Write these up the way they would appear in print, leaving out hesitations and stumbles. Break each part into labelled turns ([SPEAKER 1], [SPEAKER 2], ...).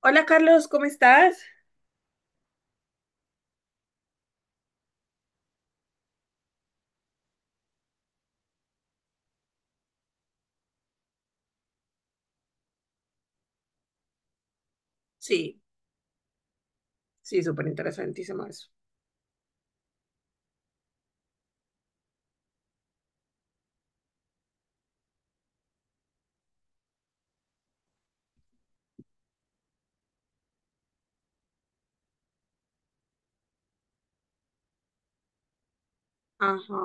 [SPEAKER 1] Hola Carlos, ¿cómo estás? Sí, sí, súper interesantísimo eso. Ajá.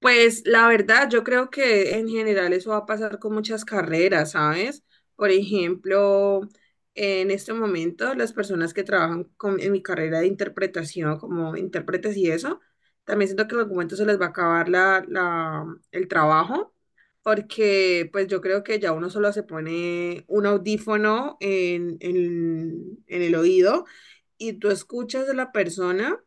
[SPEAKER 1] Pues la verdad, yo creo que en general eso va a pasar con muchas carreras, ¿sabes? Por ejemplo, en este momento las personas que trabajan en mi carrera de interpretación como intérpretes y eso, también siento que en algún momento se les va a acabar el trabajo, porque pues yo creo que ya uno solo se pone un audífono en el oído y tú escuchas a la persona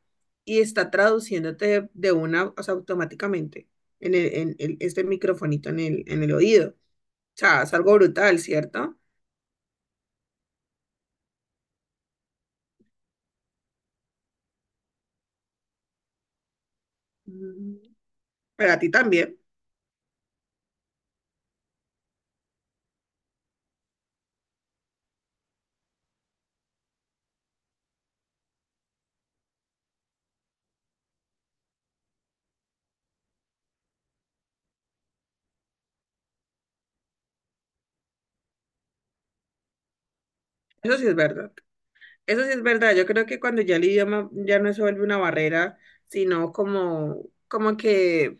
[SPEAKER 1] y está traduciéndote de una, o sea, automáticamente este microfonito en en el oído. O sea, es algo brutal, ¿cierto? Mm, Para ti también. Eso sí es verdad. Eso sí es verdad. Yo creo que cuando ya el idioma ya no se vuelve una barrera, sino como, como que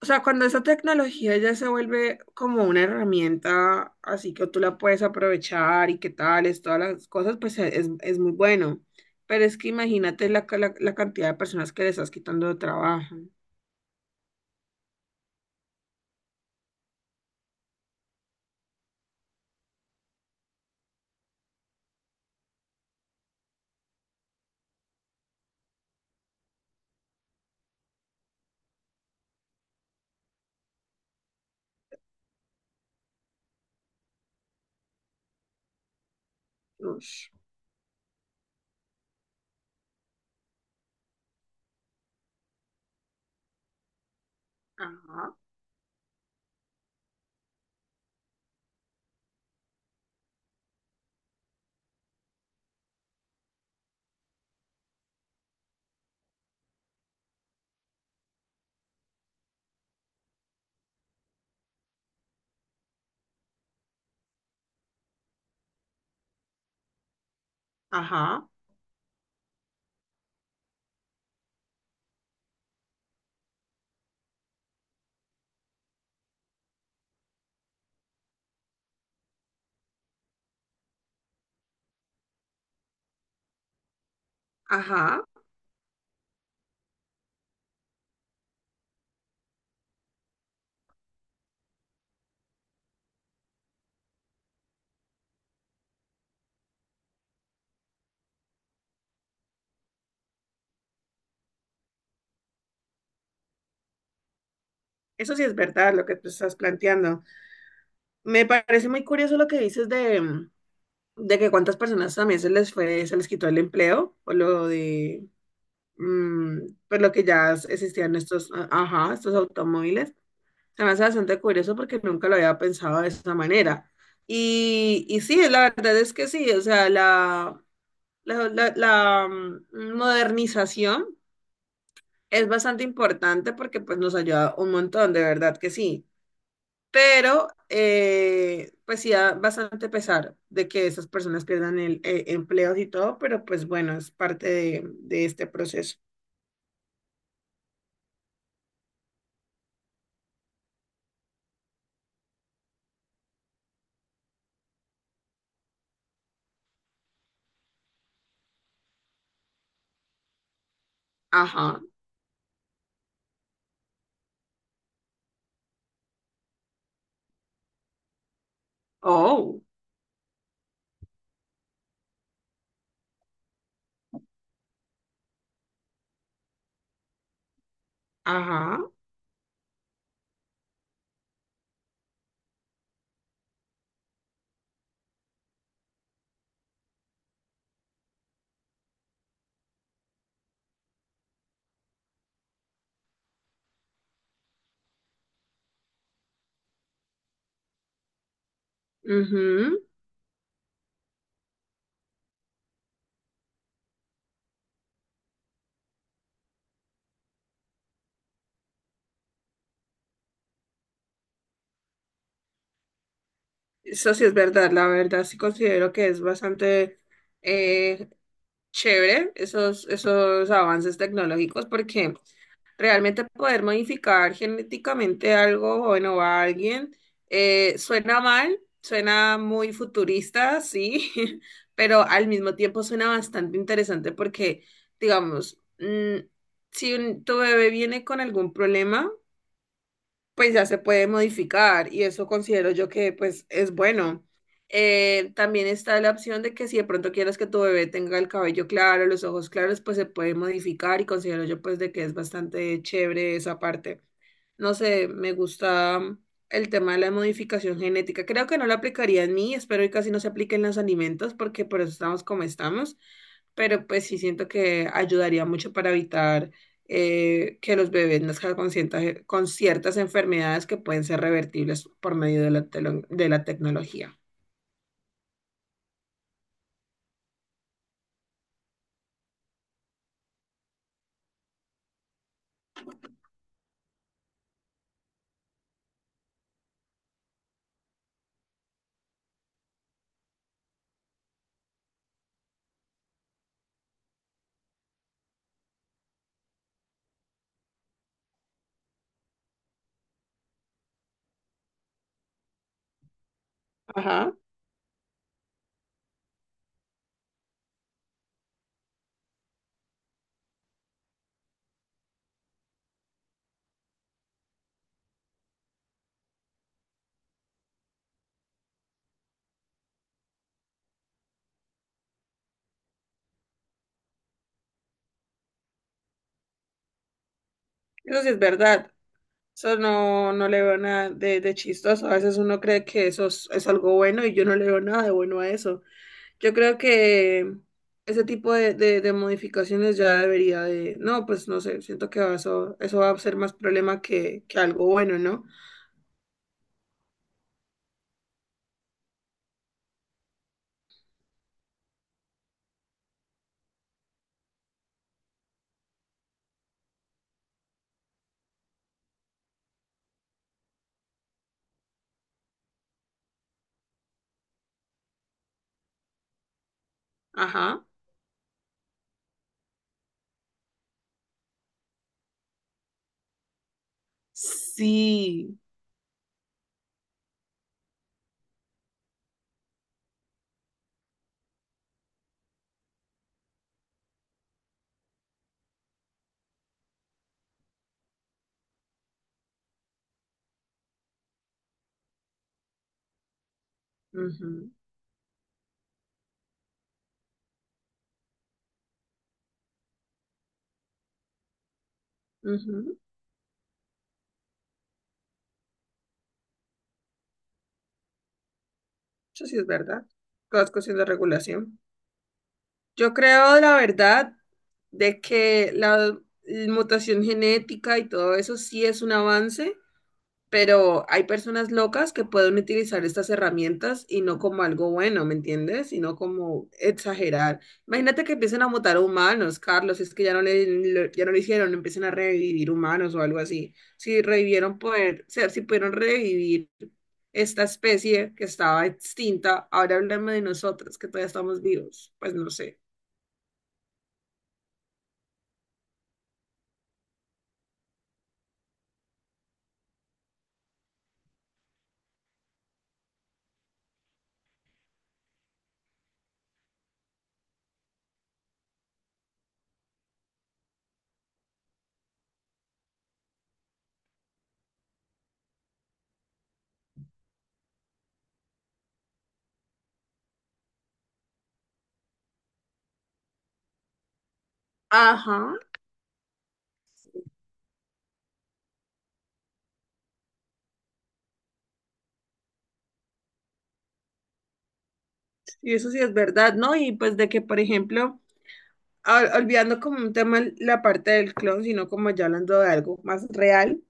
[SPEAKER 1] o sea, cuando esa tecnología ya se vuelve como una herramienta, así que tú la puedes aprovechar y que tales, todas las cosas, pues es muy bueno. Pero es que imagínate la cantidad de personas que le estás quitando de trabajo. Ush, ajá, ajá, ajá. Eso sí es verdad lo que tú estás planteando. Me parece muy curioso lo que dices de que cuántas personas también se les quitó el empleo, o lo de mm, pues lo que ya existían estos, ajá, estos automóviles. Se me hace bastante curioso porque nunca lo había pensado de esa manera. Y sí, la verdad es que sí, o sea, la modernización es bastante importante porque pues nos ayuda un montón, de verdad que sí. Pero pues sí da bastante pesar de que esas personas pierdan el, empleos y todo, pero pues bueno, es parte de este proceso. Ajá. Oh. Ajá, ujú. Eso sí es verdad, la verdad sí considero que es bastante eh, chévere esos, esos avances tecnológicos porque realmente poder modificar genéticamente algo bueno, a alguien suena mal, suena muy futurista, sí, pero al mismo tiempo suena bastante interesante porque, digamos, si tu bebé viene con algún problema, pues ya se puede modificar y eso considero yo que pues es bueno. También está la opción de que si de pronto quieres que tu bebé tenga el cabello claro, los ojos claros, pues se puede modificar y considero yo pues de que es bastante chévere esa parte. No sé, me gusta el tema de la modificación genética. Creo que no lo aplicaría en mí, espero que casi no se aplique en los alimentos porque por eso estamos como estamos, pero pues sí siento que ayudaría mucho para evitar que los bebés nazcan con ciertas enfermedades que pueden ser revertibles por medio de de la tecnología. Ajá, eso sí es verdad. Eso no, no le veo nada de, de chistoso. A veces uno cree que es algo bueno y yo no le veo nada de bueno a eso. Yo creo que ese tipo de modificaciones ya debería de... No, pues no sé, siento que eso va a ser más problema que algo bueno, ¿no? Ajá. Sí. Ujú, ujú. Eso sí es verdad. Todas cuestión de regulación. Yo creo, la verdad, de que la mutación genética y todo eso sí es un avance, pero hay personas locas que pueden utilizar estas herramientas y no como algo bueno, ¿me entiendes? Sino como exagerar. Imagínate que empiecen a mutar humanos, Carlos, es que ya no lo hicieron, empiecen a revivir humanos o algo así. Si revivieron poder, o sea, si pudieron revivir esta especie que estaba extinta, ahora hablemos de nosotros que todavía estamos vivos, pues no sé. Ajá, y eso sí es verdad, ¿no? Y pues de que, por ejemplo, olvidando como un tema la parte del clon, sino como ya hablando de algo más real,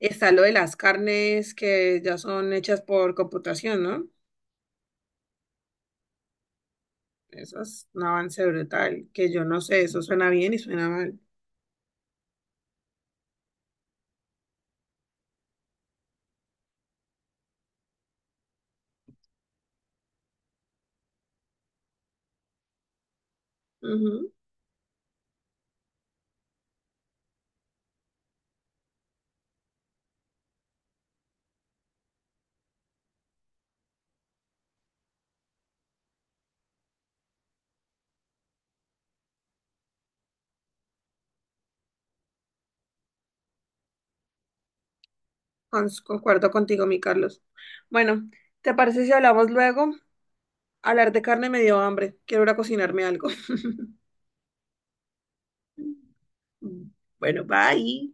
[SPEAKER 1] está lo de las carnes que ya son hechas por computación, ¿no? Eso es un avance brutal, que yo no sé, eso suena bien y suena mal. Ujú, concuerdo contigo, mi Carlos. Bueno, ¿te parece si hablamos luego? Hablar de carne me dio hambre, quiero ir a cocinarme algo. Bueno, bye.